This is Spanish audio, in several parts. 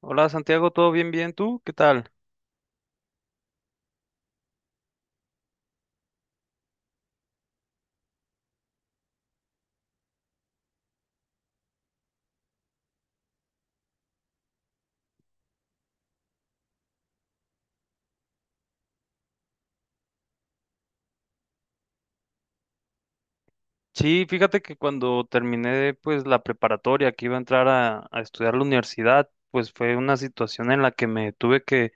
Hola Santiago, ¿todo bien, bien? ¿Tú qué tal? Sí, fíjate que cuando terminé pues la preparatoria que iba a entrar a estudiar la universidad, pues fue una situación en la que me tuve que,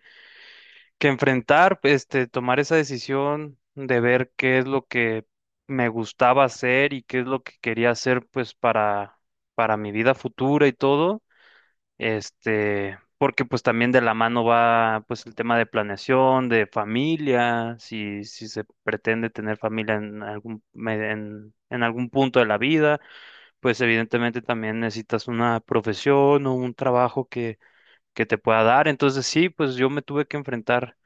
que enfrentar, este, tomar esa decisión de ver qué es lo que me gustaba hacer y qué es lo que quería hacer pues para mi vida futura y todo. Este, porque pues también de la mano va pues el tema de planeación, de familia, si se pretende tener familia en en algún punto de la vida, pues evidentemente también necesitas una profesión o un trabajo que te pueda dar. Entonces sí, pues yo me tuve que enfrentar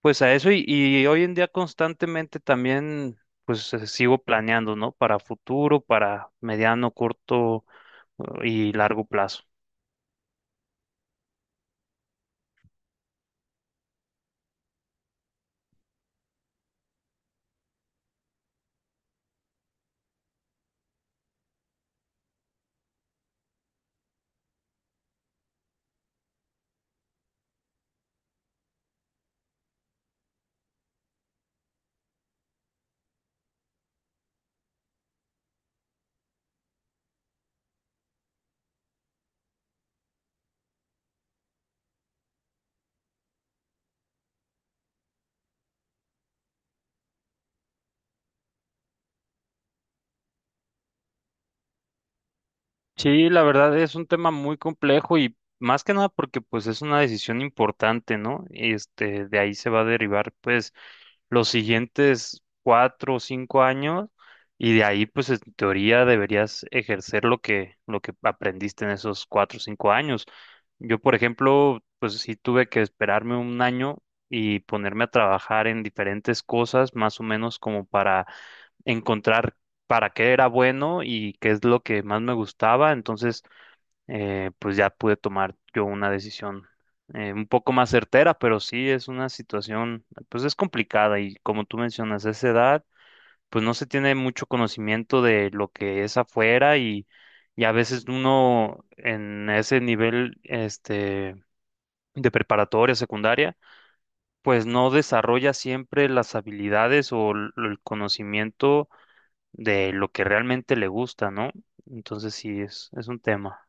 pues a eso y hoy en día constantemente también pues sigo planeando, ¿no? Para futuro, para mediano, corto y largo plazo. Sí, la verdad es un tema muy complejo y más que nada porque pues es una decisión importante, ¿no? Y este, de ahí se va a derivar pues los siguientes cuatro o cinco años y de ahí pues en teoría deberías ejercer lo que aprendiste en esos cuatro o cinco años. Yo, por ejemplo, pues sí tuve que esperarme un año y ponerme a trabajar en diferentes cosas, más o menos como para encontrar para qué era bueno y qué es lo que más me gustaba. Entonces, pues ya pude tomar yo una decisión un poco más certera, pero sí es una situación, pues es complicada y como tú mencionas, a esa edad, pues no se tiene mucho conocimiento de lo que es afuera y a veces uno en ese nivel, este, de preparatoria, secundaria, pues no desarrolla siempre las habilidades o el conocimiento de lo que realmente le gusta, ¿no? Entonces sí, es un tema.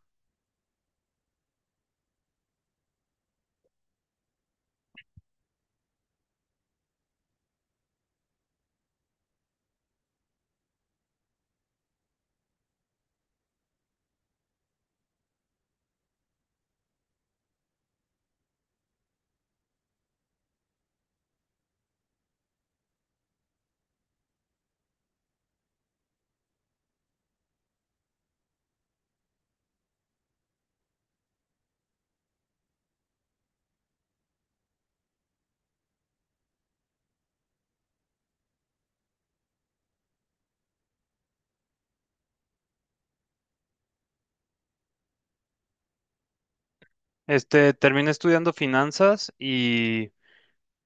Este, terminé estudiando finanzas y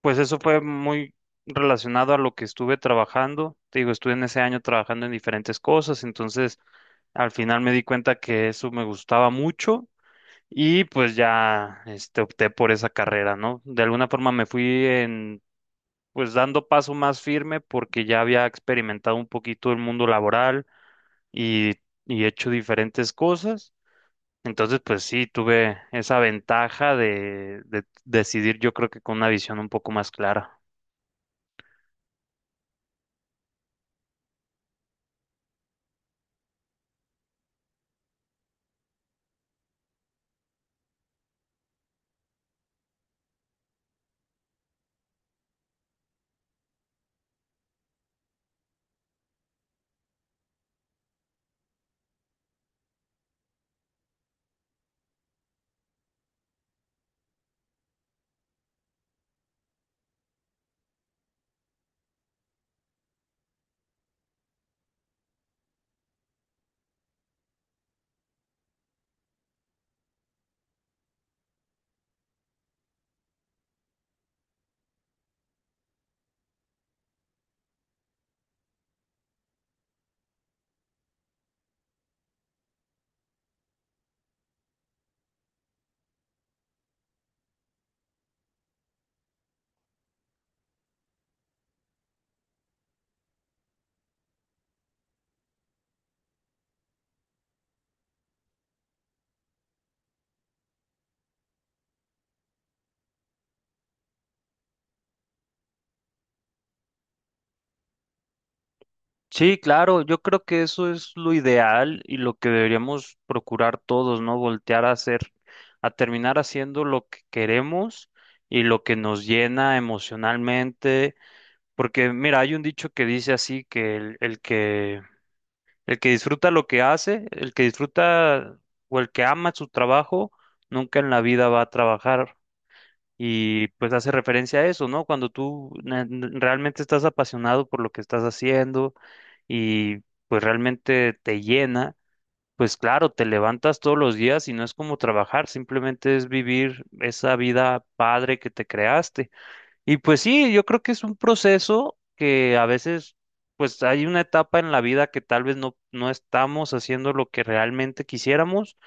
pues eso fue muy relacionado a lo que estuve trabajando. Te digo, estuve en ese año trabajando en diferentes cosas, entonces al final me di cuenta que eso me gustaba mucho y pues ya este, opté por esa carrera, ¿no? De alguna forma me fui en, pues dando paso más firme porque ya había experimentado un poquito el mundo laboral y, y he hecho diferentes cosas. Entonces, pues sí, tuve esa ventaja de decidir, yo creo que con una visión un poco más clara. Sí, claro, yo creo que eso es lo ideal y lo que deberíamos procurar todos, ¿no? Voltear a hacer, a terminar haciendo lo que queremos y lo que nos llena emocionalmente. Porque, mira, hay un dicho que dice así que el que El que disfruta lo que hace, el que disfruta o el que ama su trabajo, nunca en la vida va a trabajar. Y pues hace referencia a eso, ¿no? Cuando tú realmente estás apasionado por lo que estás haciendo y pues realmente te llena, pues claro, te levantas todos los días y no es como trabajar, simplemente es vivir esa vida padre que te creaste. Y pues sí, yo creo que es un proceso que a veces, pues hay una etapa en la vida que tal vez no estamos haciendo lo que realmente quisiéramos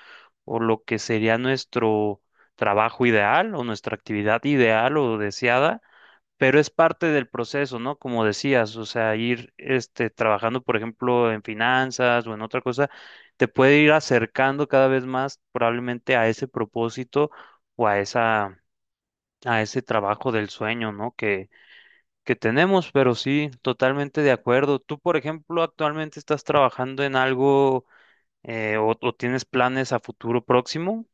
o lo que sería nuestro trabajo ideal o nuestra actividad ideal o deseada, pero es parte del proceso, ¿no? Como decías, o sea, ir este, trabajando, por ejemplo, en finanzas o en otra cosa, te puede ir acercando cada vez más probablemente a ese propósito o a esa, a ese trabajo del sueño, ¿no? Que tenemos, pero sí, totalmente de acuerdo. Tú, por ejemplo, actualmente estás trabajando en algo o tienes planes a futuro próximo.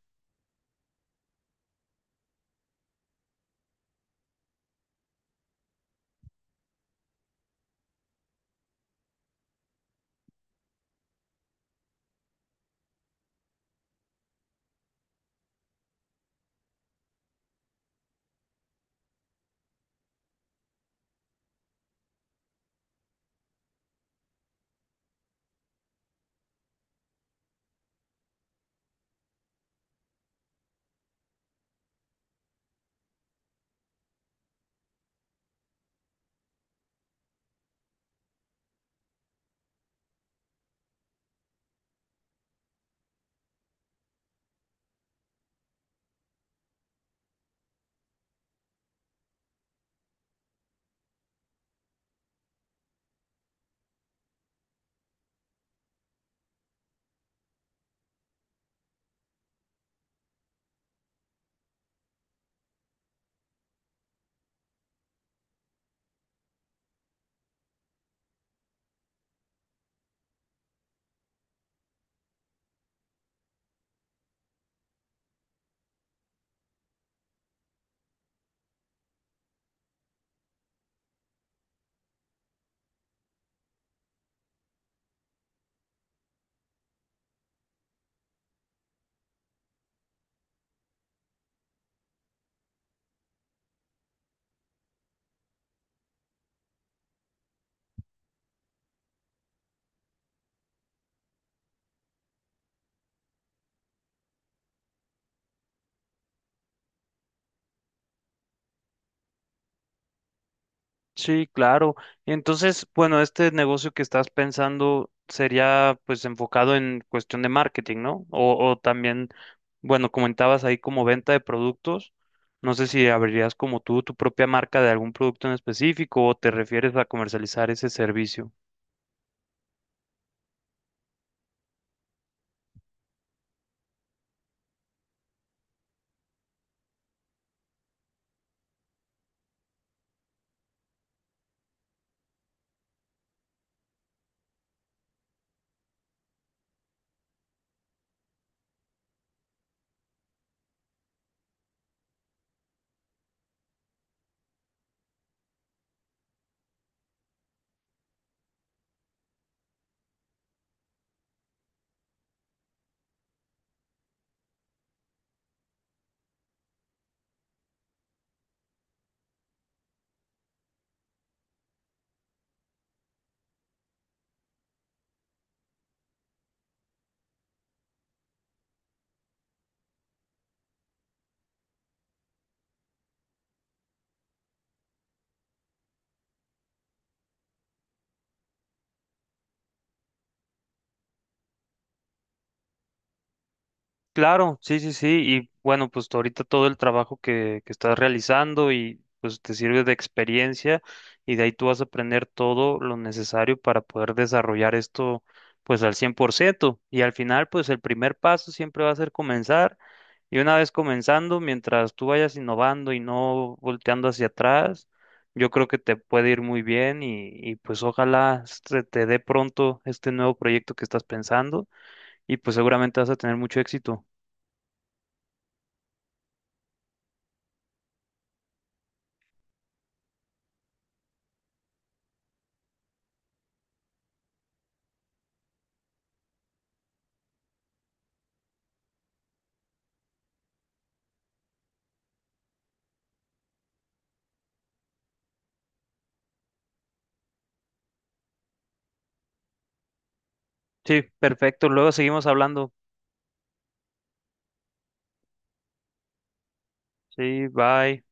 Sí, claro. Entonces, bueno, este negocio que estás pensando sería pues enfocado en cuestión de marketing, ¿no? O también, bueno, comentabas ahí como venta de productos. No sé si abrirías como tú tu propia marca de algún producto en específico o te refieres a comercializar ese servicio. Claro, sí, sí, sí. Y bueno, pues tú ahorita todo el trabajo que estás realizando y pues te sirve de experiencia y de ahí tú vas a aprender todo lo necesario para poder desarrollar esto pues al 100%. Y al final pues el primer paso siempre va a ser comenzar. Y una vez comenzando, mientras tú vayas innovando y no volteando hacia atrás, yo creo que te puede ir muy bien y pues ojalá se te dé pronto este nuevo proyecto que estás pensando y pues seguramente vas a tener mucho éxito. Sí, perfecto. Luego seguimos hablando. Sí, bye.